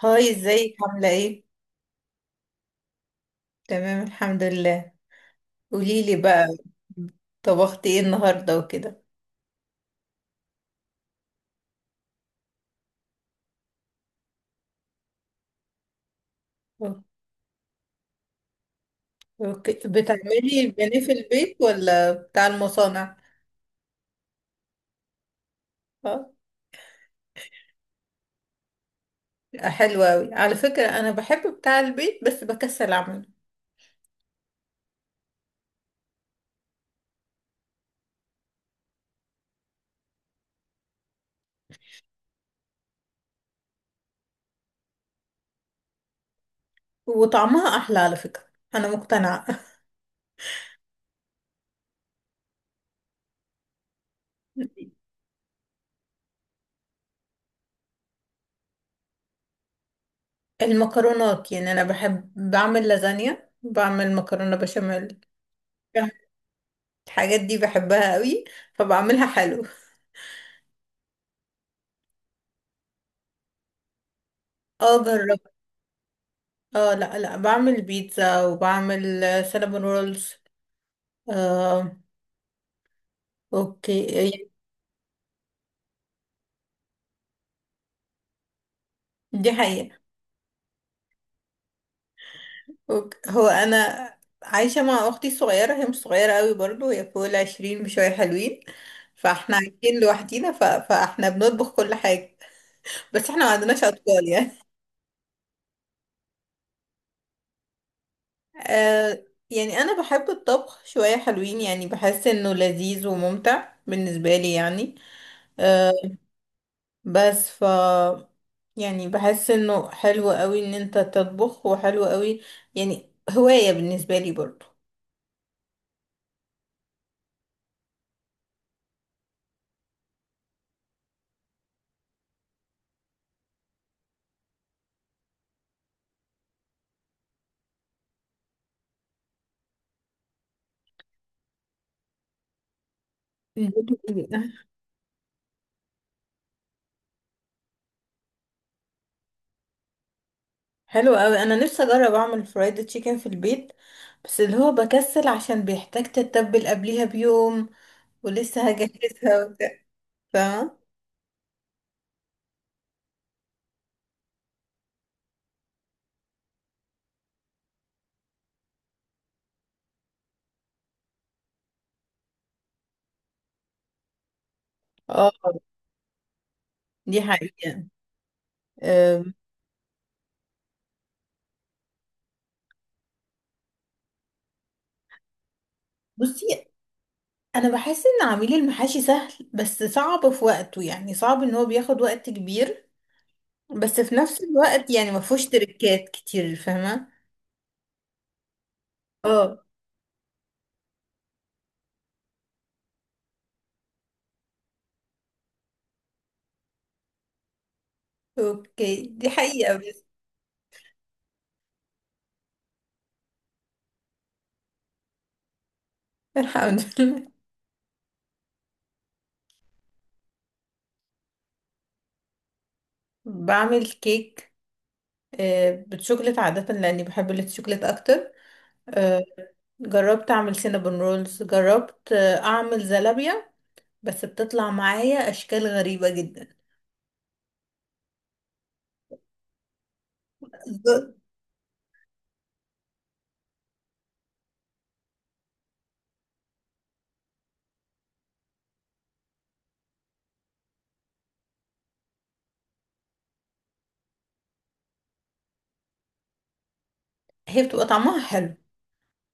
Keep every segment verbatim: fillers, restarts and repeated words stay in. هاي، ازيك؟ عاملة ايه؟ تمام، الحمد لله. قوليلي بقى، طبختي ايه النهاردة وكده؟ أو- اوكي، بتعملي البانيه في البيت ولا بتاع المصانع؟ اه. حلوة اوي على فكرة، انا بحب بتاع البيت بس بكسل اعمله. وطعمها احلى على فكرة، انا مقتنعة. المكرونات، يعني انا بحب بعمل لازانيا، بعمل مكرونة بشاميل. الحاجات دي بحبها قوي فبعملها حلو. اه جربت. اه، لا لا، بعمل بيتزا وبعمل سينابون رولز. آه. اوكي، دي حقيقة. أوكي. هو انا عايشة مع اختي الصغيرة، هي مش صغيرة قوي برضو، هي فوق العشرين بشوية حلوين. فاحنا عايشين لوحدينا ف... فاحنا بنطبخ كل حاجة. بس احنا ما عندناش اطفال يعني. آه، يعني انا بحب الطبخ شوية حلوين، يعني بحس انه لذيذ وممتع بالنسبة لي يعني. آه، بس ف يعني بحس انه حلو قوي ان انت تطبخ، وحلو قوي، يعني هواية بالنسبة لي برضو. حلو قوي، انا نفسي اجرب اعمل فرايد تشيكن في البيت. بس اللي هو بكسل عشان بيحتاج تتبل قبليها بيوم، ولسه هجهزها وبتاع. فاهمة. اه، دي حقيقة. أم، بصي، انا بحس ان عميل المحاشي سهل بس صعب في وقته، يعني صعب ان هو بياخد وقت كبير، بس في نفس الوقت يعني ما فيهوش تركات كتير، فاهمة. اه، اوكي، دي حقيقة بس. الحمد لله. بعمل كيك، آه، بالشوكولاتة عادة لأني بحب الشوكولاتة أكتر. آه، جربت أعمل سينابون رولز، جربت آه، أعمل زلابية، بس بتطلع معايا أشكال غريبة جدا. بالظبط. هي بتبقى طعمها حلو،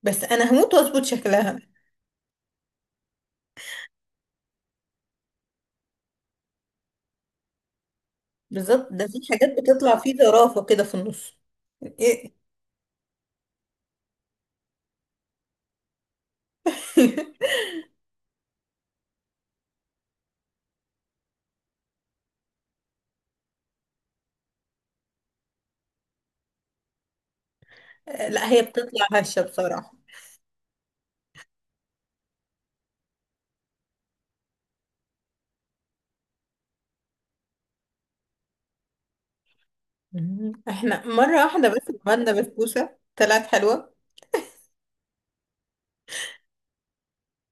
بس أنا هموت وأظبط شكلها. بالظبط، ده في حاجات بتطلع فيه زرافة كده في النص. إيه؟ لا، هي بتطلع هشة بصراحة. مم. احنا مرة واحدة بس عملنا بسبوسة طلعت حلوة.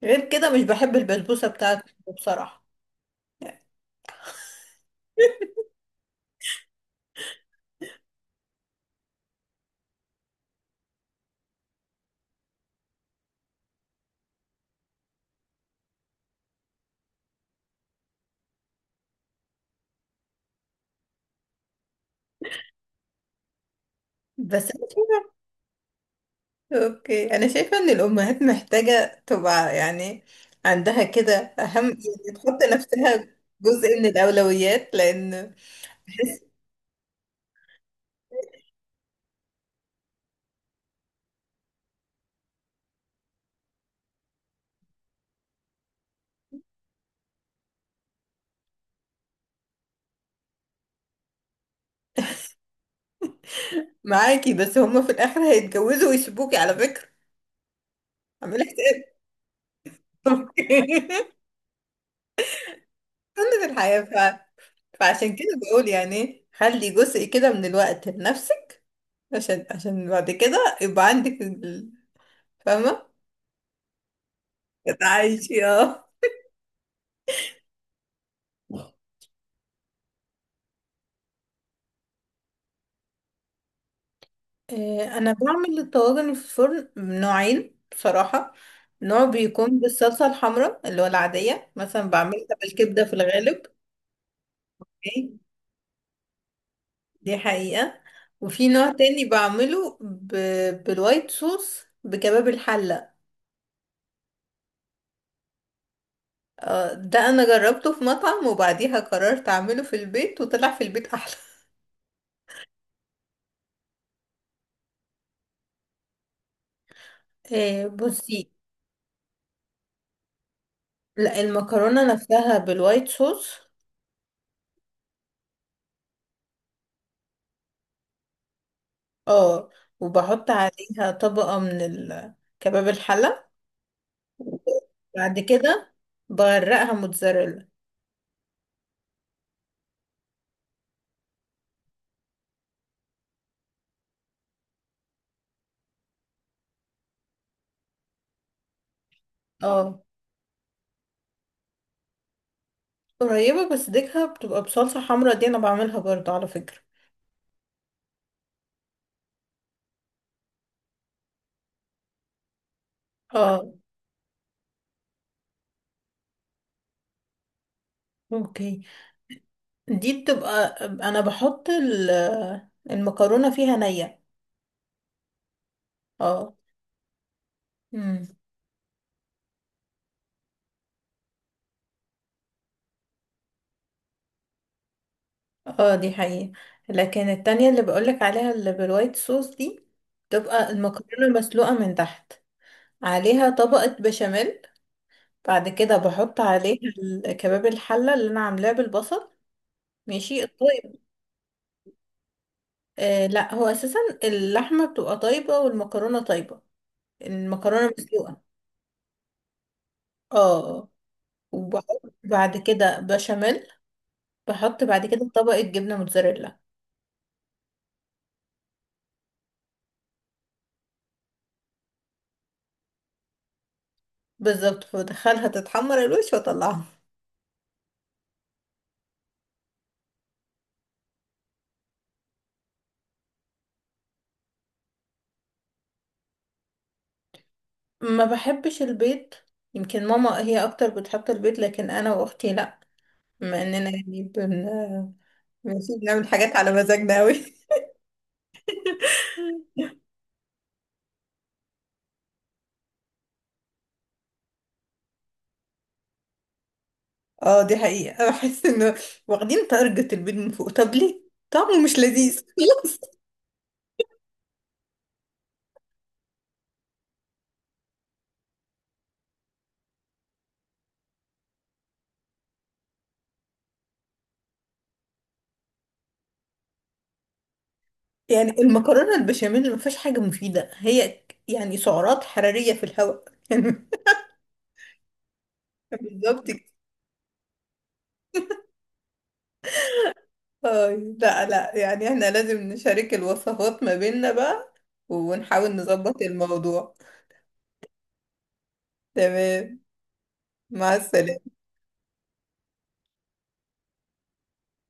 غير كده مش بحب البسبوسة بتاعته بصراحة. بس أنا شايفة- اوكي، انا شايفة ان الامهات محتاجة تبقى، يعني عندها كده اهم، يعني تحط نفسها جزء من الاولويات، لان معاكي، بس هما في الاخر هيتجوزوا ويسيبوكي على فكرة، عاملة حساب. سنة الحياة ف... فعشان كده بقول يعني خلي جزء كده من الوقت لنفسك، عشان عشان بعد كده يبقى عندك ال- فاهمة. تعيشي اه. آه، انا بعمل الطواجن في الفرن نوعين بصراحة. نوع بيكون بالصلصة الحمراء اللي هو العادية، مثلا بعملها بالكبدة في الغالب. أوكي؟ دي حقيقة. وفي نوع تاني بعمله ب... بالوايت صوص بكباب الحلة. آه، ده انا جربته في مطعم، وبعديها قررت اعمله في البيت وطلع في البيت احلى. آه، بصي، لا، المكرونة نفسها بالوايت صوص. اه، وبحط عليها طبقة من ال- كباب الحلة، وبعد كده بغرقها موتزاريلا. اه، قريبة، بس ديكها بتبقى بصلصة حمرا، دي انا بعملها برضو على فكرة. اه، اوكي. دي بتبقى انا بحط ال- المكرونة فيها نية. اه. امم. اه، دي حقيقة. لكن التانية اللي بقولك عليها اللي بالوايت صوص دي، بتبقى المكرونة مسلوقة من تحت، عليها طبقة بشاميل، بعد كده بحط عليها ال- كباب الحلة اللي انا عاملاه بالبصل. ماشي الطيب. آه لا، هو اساسا اللحمة بتبقى طيبة والمكرونة طيبة، المكرونة مسلوقة. اه، وبحط بعد كده بشاميل، بحط بعد كده طبقة جبنة موتزاريلا. بالظبط، فبدخلها تتحمر الوش واطلعها. ما بحبش البيض، يمكن ماما هي اكتر بتحط البيض لكن انا واختي لا. بما اننا يعني بن ماشي، بنعمل حاجات على مزاجنا اوي. اه، دي حقيقة. بحس انه واخدين تارجت البيض من فوق، طب ليه؟ طعمه مش لذيذ. خلاص. يعني المكرونة البشاميل ما فيهاش حاجة مفيدة، هي يعني سعرات حرارية في الهواء يعني. بالظبط كده. اه لا لا، يعني احنا لازم نشارك الوصفات ما بيننا بقى، ونحاول نظبط الموضوع. تمام. مع السلامة.